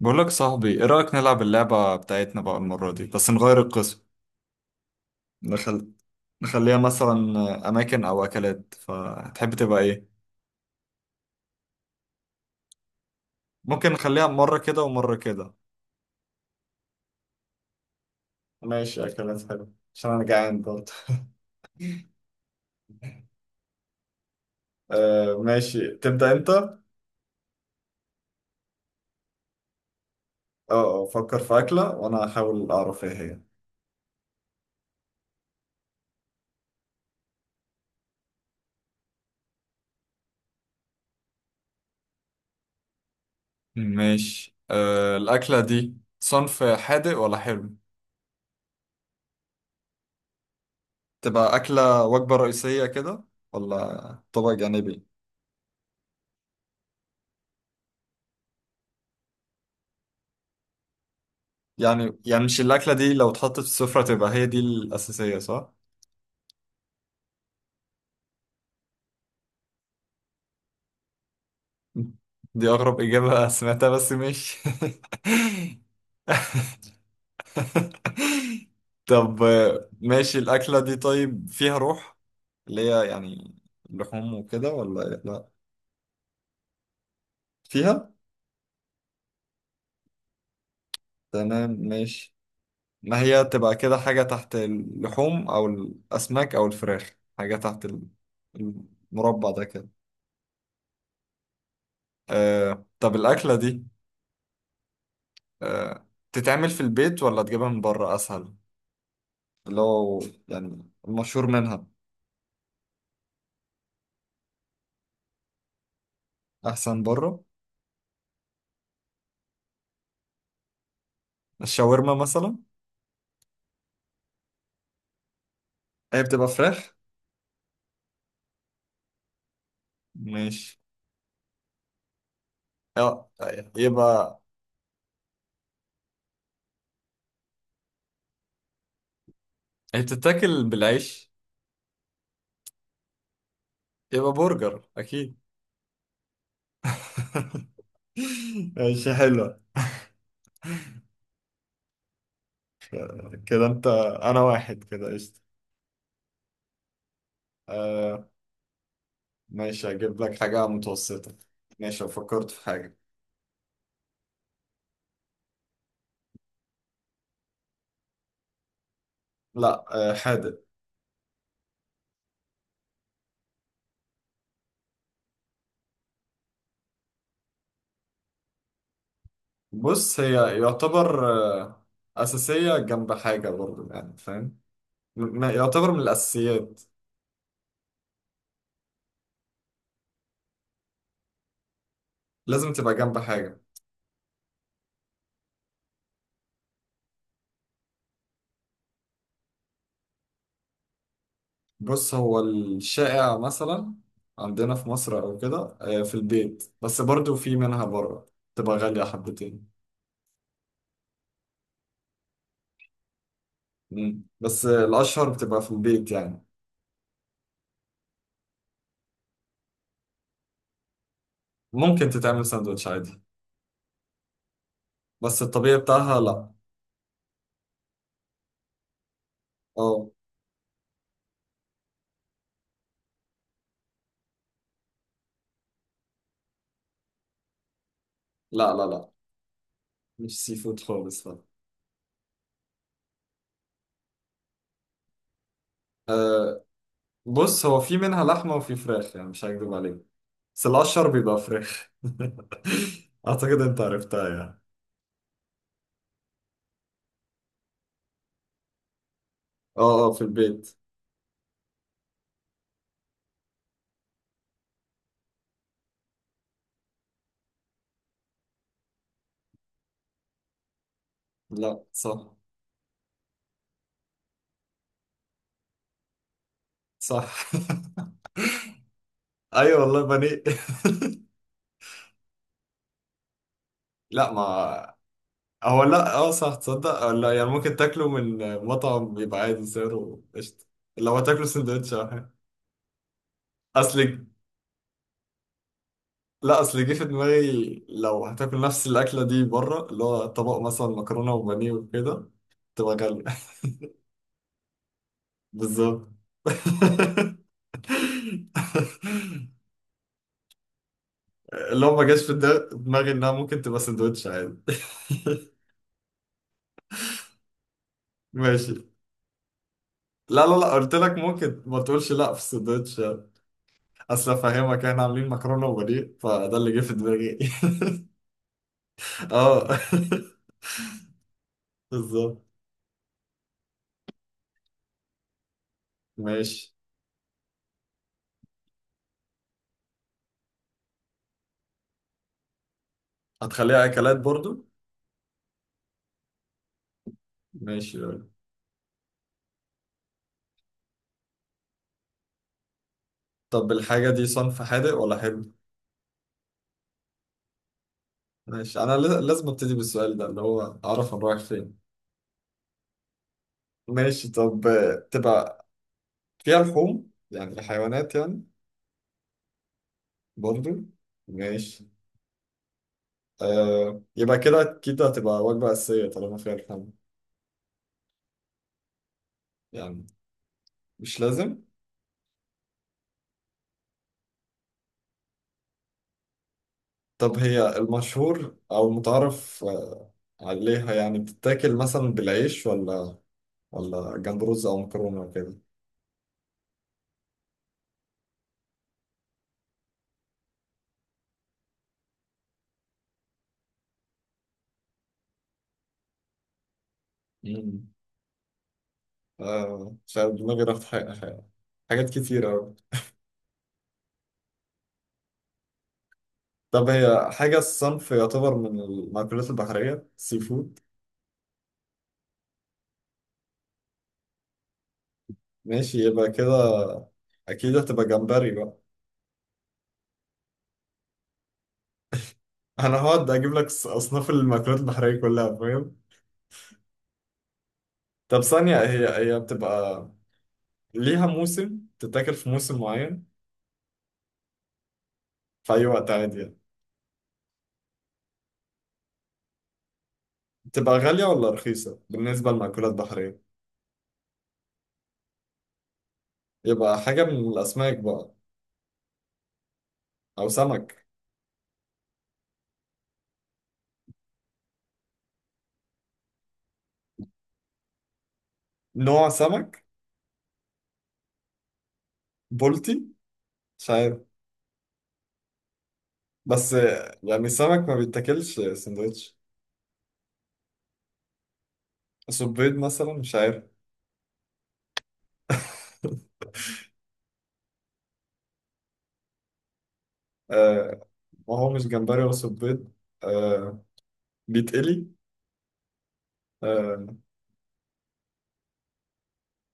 بقول لك صاحبي، ايه رأيك نلعب اللعبة بتاعتنا بقى؟ المرة دي بس نغير القسم. نخل... نخليها مثلا أماكن أو أكلات، فتحب تبقى ايه؟ ممكن نخليها مرة كده ومرة كده. ماشي، أكلات حلو، عشان أنا جعان برضه. آه ماشي، تبدأ أنت. اه آه، فكر في أكلة وأنا هحاول أعرف ايه هي. ماشي، الأكلة دي صنف حادق ولا حلو؟ تبقى أكلة وجبة رئيسية كده ولا طبق جانبي؟ يعني مش الأكلة دي لو اتحطت في السفرة تبقى هي دي الأساسية، صح؟ دي أغرب إجابة سمعتها، بس مش طب. ماشي، الأكلة دي طيب فيها روح، اللي هي يعني لحوم وكده ولا إيه؟ لا، فيها. تمام ماشي. ما هي تبقى كده حاجة تحت اللحوم أو الأسماك أو الفراخ، حاجة تحت المربع ده كده. آه طب الأكلة دي تتعمل في البيت ولا تجيبها من بره اسهل، اللي هو يعني المشهور منها؟ احسن بره. الشاورما مثلا؟ هي بتبقى فراخ. ماشي، اه. يبقى هي بتتاكل بالعيش؟ يبقى برجر اكيد. ماشي حلوة. كده انت، انا واحد كده، قشطة. آه ماشي، هجيب لك حاجة متوسطة. ماشي لو فكرت في حاجة. لا، آه حادق. بص هي يعتبر آه، أساسية جنب حاجة برضو، يعني فاهم. يعتبر من الأساسيات. لازم تبقى جنب حاجة. بص هو الشائع مثلا عندنا في مصر أو كده في البيت، بس برضو في منها بره. تبقى غالية حبتين. مم. بس الأشهر بتبقى في البيت يعني. ممكن تتعمل ساندوتش عادي، بس الطبيعي بتاعها لأ. اه. لا لا لا، مش سي فود خالص. بص هو في منها لحمة وفي فراخ، يعني مش هكدب عليك، بس الأشهر بيبقى فراخ. أعتقد أنت عرفتها يعني. أه أه، في البيت. لا صح. صح. أيوة والله بني لا، ما هو لا، أه صح تصدق، أه لا يعني ممكن تاكله من مطعم بيبقى عادي سعره، قشطة. لو هتاكله سندوتش أو حاجة. أصل، لا أصل جه في دماغي لو هتاكل نفس الأكلة دي بره، اللي هو طبق مثلا مكرونة وبانيه وكده، تبقى غالية. بالظبط. لو ما جاش في دماغي انها ممكن تبقى سندوتش عادي ماشي، لا لا لا قلت لك ممكن ما تقولش لا في السندوتش. اصل افهمك احنا عاملين مكرونه وبانيه، فده اللي جه في دماغي. اه بالظبط. ماشي. هتخليها اكلات برضو؟ ماشي. طب الحاجه دي صنف حادق ولا حلو؟ ماشي، انا لازم ابتدي بالسؤال ده، اللي هو اعرف انا رايح فين. ماشي، طب تبقى فيها لحوم، يعني الحيوانات يعني؟ برضو. ماشي. آه يبقى كده أكيد هتبقى وجبة أساسية طالما فيها لحوم. يعني مش لازم. طب هي المشهور أو المتعارف عليها، يعني بتتاكل مثلا بالعيش ولا جنب رز أو مكرونة وكده؟ مم. آه مش عارف، دماغي راحت حاجات كتير أوي. طب هي حاجة الصنف، يعتبر من المأكولات البحرية، سي فود؟ ماشي يبقى كده، أكيد هتبقى جمبري بقى. انا هقعد اجيب لك اصناف المأكولات البحرية كلها فاهم. طب ثانية، هي بتبقى ليها موسم تتاكل في موسم معين، في اي وقت عادي يعني؟ بتبقى غالية ولا رخيصة بالنسبة للمأكولات البحرية؟ يبقى حاجة من الاسماك بقى، او سمك. نوع سمك. بولتي؟ مش عارف، بس يعني السمك ما بيتاكلش سندوتش. صبيط مثلا؟ مش عارف. آه، ما هو مش جمبري ولا صبيط. آه بيتقلي. آه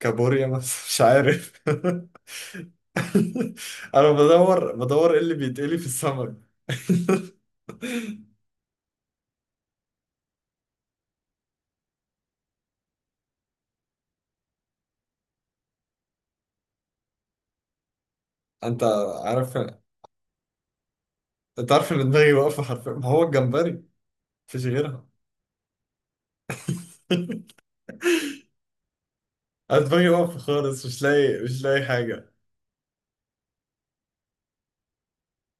كابوريا مثلا؟ مش عارف انا بدور ايه اللي بيتقلي في السمك. انت عارف انت عارف ان دماغي واقفه حرفيا، ما هو الجمبري، مفيش غيرها. انا دماغي واقفه خالص، مش لاقي حاجه.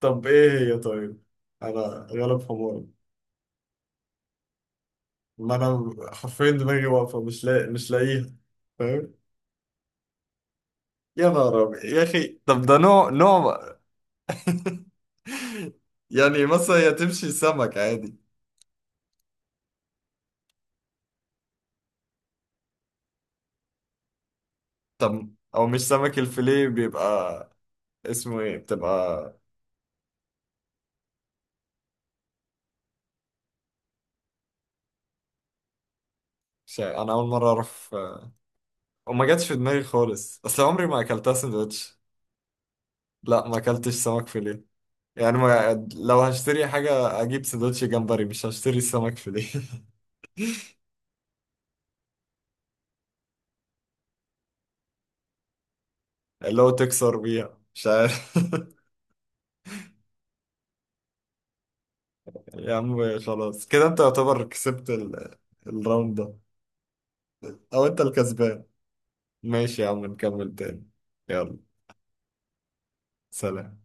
طب ايه هي طيب، انا غلب حماري. ما انا حرفيا دماغي واقفه، مش لاقيها، فاهم. يا نهار أبيض. يا اخي طب ده نوع نوع. يعني مثلا هي تمشي سمك عادي؟ طب او مش سمك الفيليه بيبقى اسمه ايه بتبقى؟ انا اول مره اعرف، وما جاتش في دماغي خالص، اصل عمري ما اكلتها سندوتش. لا، ما اكلتش سمك فيليه. يعني ما... لو هشتري حاجه اجيب سندوتش جمبري، مش هشتري سمك فيليه اللي هو تكسر بيها مش عارف يا عم خلاص كده انت يعتبر كسبت الراوند ده، او انت الكسبان. ماشي يا عم، نكمل تاني. يلا. سلام.